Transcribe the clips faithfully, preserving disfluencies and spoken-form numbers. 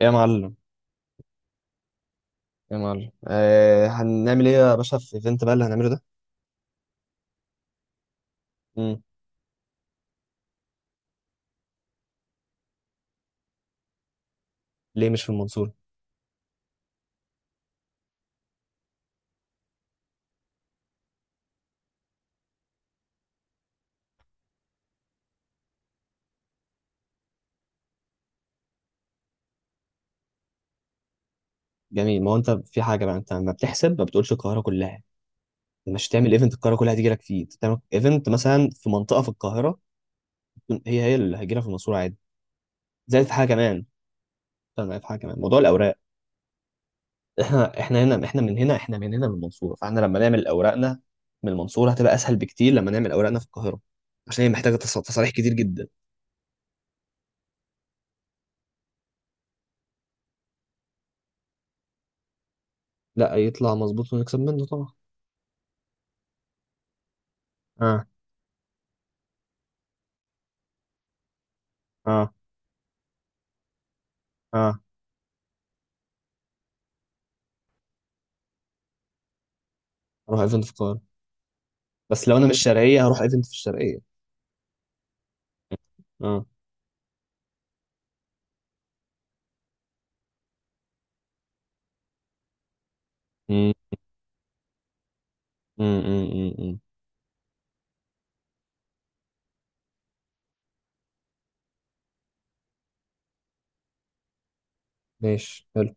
يا معلم، يا معلم، آه هنعمل ايه يا باشا في الايفنت بقى اللي هنعمله ده؟ مم. ليه مش في المنصورة؟ جميل، ما هو انت في حاجة بقى، انت ما بتحسب، ما بتقولش القاهرة كلها. أنت مش هتعمل ايفنت القاهرة كلها هتيجي لك فيه، أنت بتعمل ايفنت مثلا في منطقة في القاهرة، تكون هي هي اللي هتجي لك في المنصورة عادي. زائد في حاجة كمان، استنى في حاجة كمان، موضوع الأوراق. احنا احنا هنا، احنا من هنا احنا من هنا من المنصورة، فاحنا لما نعمل أوراقنا من المنصورة هتبقى أسهل بكتير لما نعمل أوراقنا في القاهرة، عشان هي محتاجة تص- تصاريح كتير جدا. لا، يطلع مظبوط ونكسب منه طبعا. اه اه اه. اروح ايفنت في القاهره. بس لو انا مش شرقيه هروح ايفنت في الشرقيه. اه. مم. مم. مم. مم. مم. ماشي. حلو.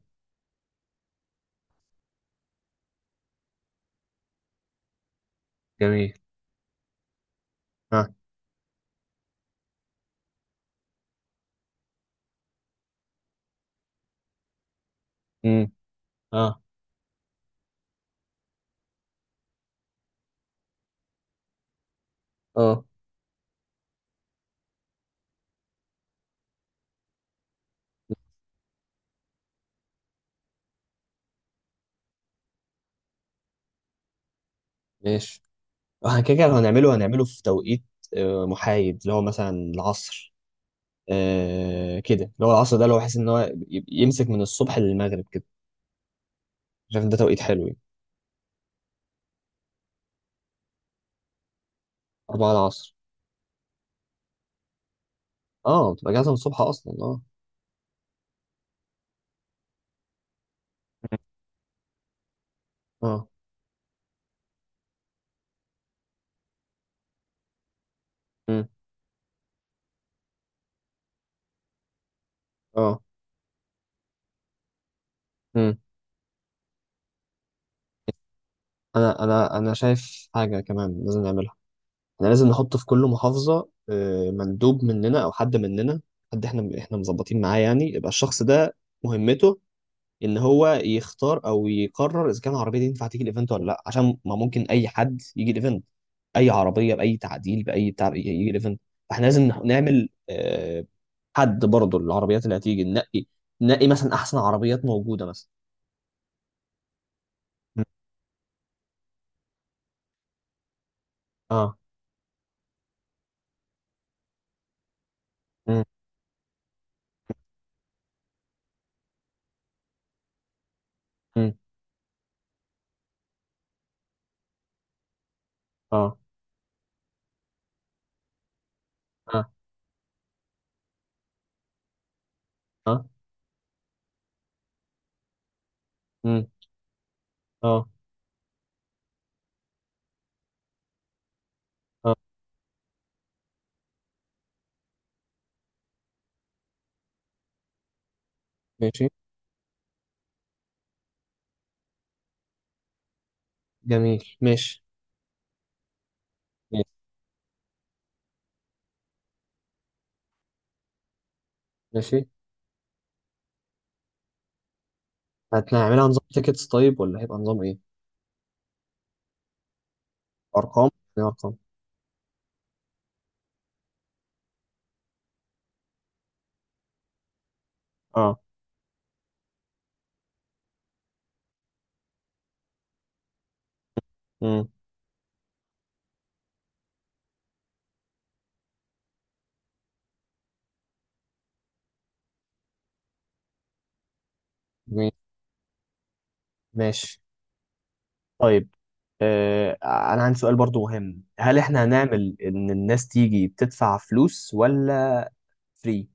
جميل. اه. مم. اه اه. ماشي. احنا كده كده لو هنعمله هنعمله في توقيت آه، محايد، اللي هو مثلا العصر. آه، كده اللي هو العصر ده، اللي هو بحيث ان هو ي- يمسك من الصبح للمغرب كده. شايف ان ده توقيت حلو يعني؟ أربعة العصر. اه، بتبقى جاهزة من الصبح أصلا، اه. اه. مم. اه. مم. أنا أنا أنا شايف حاجة كمان لازم نعملها. احنا لازم نحط في كل محافظة آه، مندوب مننا او حد مننا، حد احنا احنا مظبطين معاه يعني، يبقى الشخص ده مهمته، ان هو يختار او يقرر اذا كان العربية دي ينفع تيجي الايفنت ولا لا، عشان ما ممكن اي حد يجي الايفنت، اي عربية باي تعديل باي بتاع يجي الايفنت. فاحنا لازم نح- نعمل آه، حد برضه العربيات اللي هتيجي ننقي، ننقي مثلا احسن عربيات موجودة مثلا. مم. اه. مم. مم. اه اه اه. مم. اه اه. ماشي. جميل. ماشي. ماشي. ماشي. هنعملها نظام تيكتس طيب، ولا هيبقى نظام ايه؟ ارقام، يعني ارقام. اه. امم جميل. ماشي. طيب. آه انا عندي سؤال برضو مهم، هل احنا هنعمل ان الناس تيجي بتدفع فلوس ولا فري؟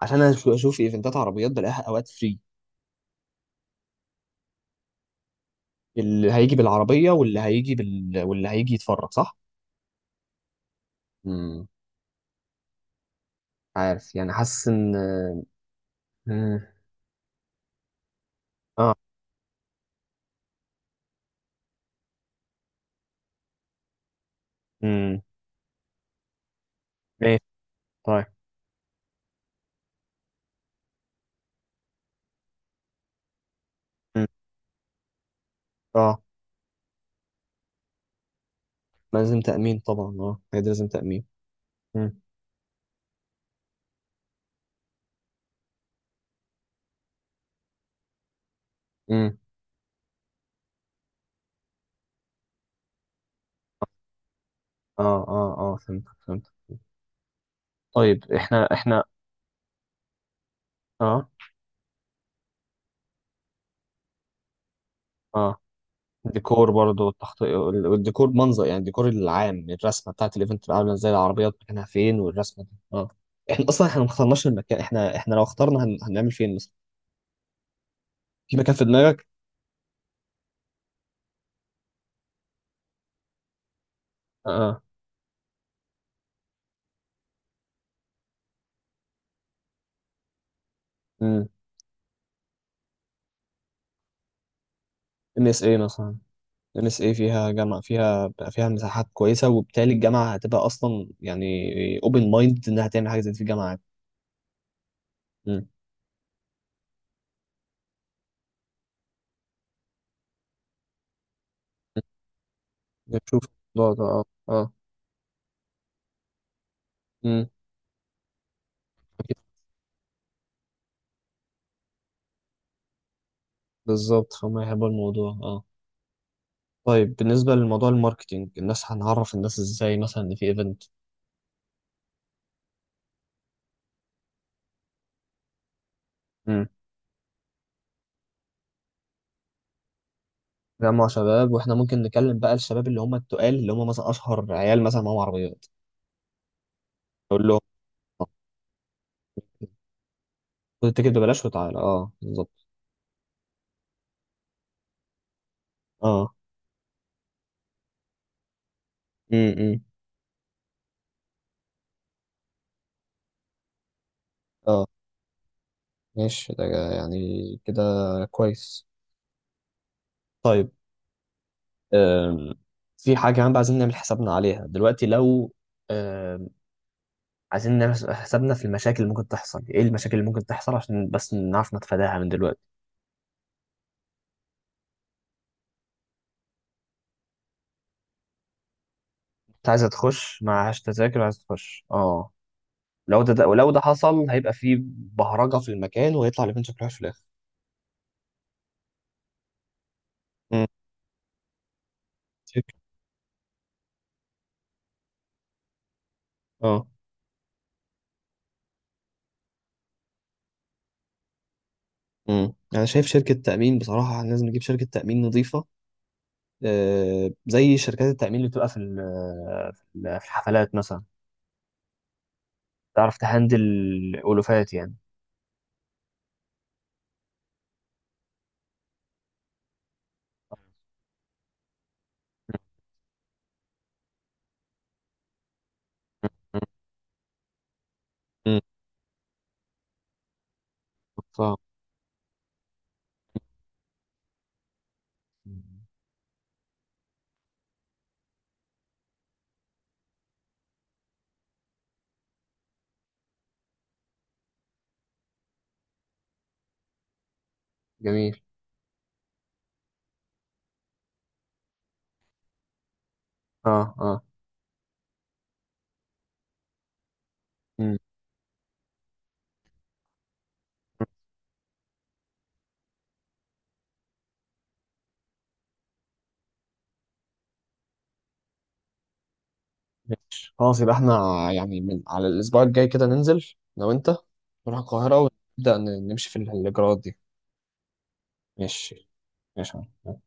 عشان انا شو- اشوف ايفنتات عربيات بلاقيها اوقات فري. اللي هيجي بالعربية واللي هيجي بال... واللي هيجي يتفرج، صح؟ امم عارف، يعني حاسس ان... مم. اه. امم ماشي. طيب. مم. اه. لازم تأمين طبعا، اه، هي دي لازم تأمين. مم. مم. اه اه اه. فهمت فهمت. طيب، احنا احنا اه اه، الديكور برضه، التخطيط والديكور، منظر يعني، الديكور العام، الرسمه بتاعت الايفنت تبقى عامله ازاي، العربيات مكانها فين، والرسمه دي، اه. احنا اصلا احنا ما اخترناش المكان، احنا احنا لو اخترنا هن... هنعمل فين مثلا؟ في مكان في دماغك؟ اه. امم ام اس اي مثلا. ام اس اي فيها، جامعه فيها فيها مساحات كويسه، وبالتالي الجامعه هتبقى اصلا يعني اوبن مايند انها تعمل حاجه زي دي في الجامعه عادي. امم نشوف الموضوع ده، اه. اه. امم بالظبط، فهم يحبوا الموضوع، اه. طيب بالنسبة لموضوع الماركتينج، الناس هنعرف الناس ازاي مثلا ان في ايفنت؟ امم جمع شباب، واحنا ممكن نكلم بقى الشباب اللي هم التقال، اللي هم مثلا اشهر عيال مثلا معاهم عربيات. نقول لهم آه، خد التيكت ببلاش وتعالى، اه، بالظبط. اه. امم اه. ماشي. ده يعني كده كويس. طيب. أم. في حاجة كمان بقى، عايزين نعمل حسابنا عليها دلوقتي، لو أم، عايزين نعمل حسابنا في المشاكل اللي ممكن تحصل. ايه المشاكل اللي ممكن تحصل، عشان بس نعرف نتفاداها من دلوقتي؟ انت عايزه تخش معهاش تذاكر، عايزه تخش، اه، لو ده، ده ولو ده حصل هيبقى فيه بهرجه في المكان ويطلع الايفنت شكلها في الاخر. مم. شركة- اه. امم انا شايف شركه تامين بصراحه، لازم نجيب شركه تامين نظيفه، آه زي شركات التامين اللي بتبقى في ال- في ال- في الحفلات مثلا. تعرف تهندل الالوفات يعني. مم. مم. فاهم. جميل. اه اه. مم. ماشي خلاص، يبقى احنا يعني من على الأسبوع الجاي كده ننزل، لو أنت، نروح القاهرة ونبدأ ن- نمشي في الإجراءات دي. ماشي. ماشي يا عم.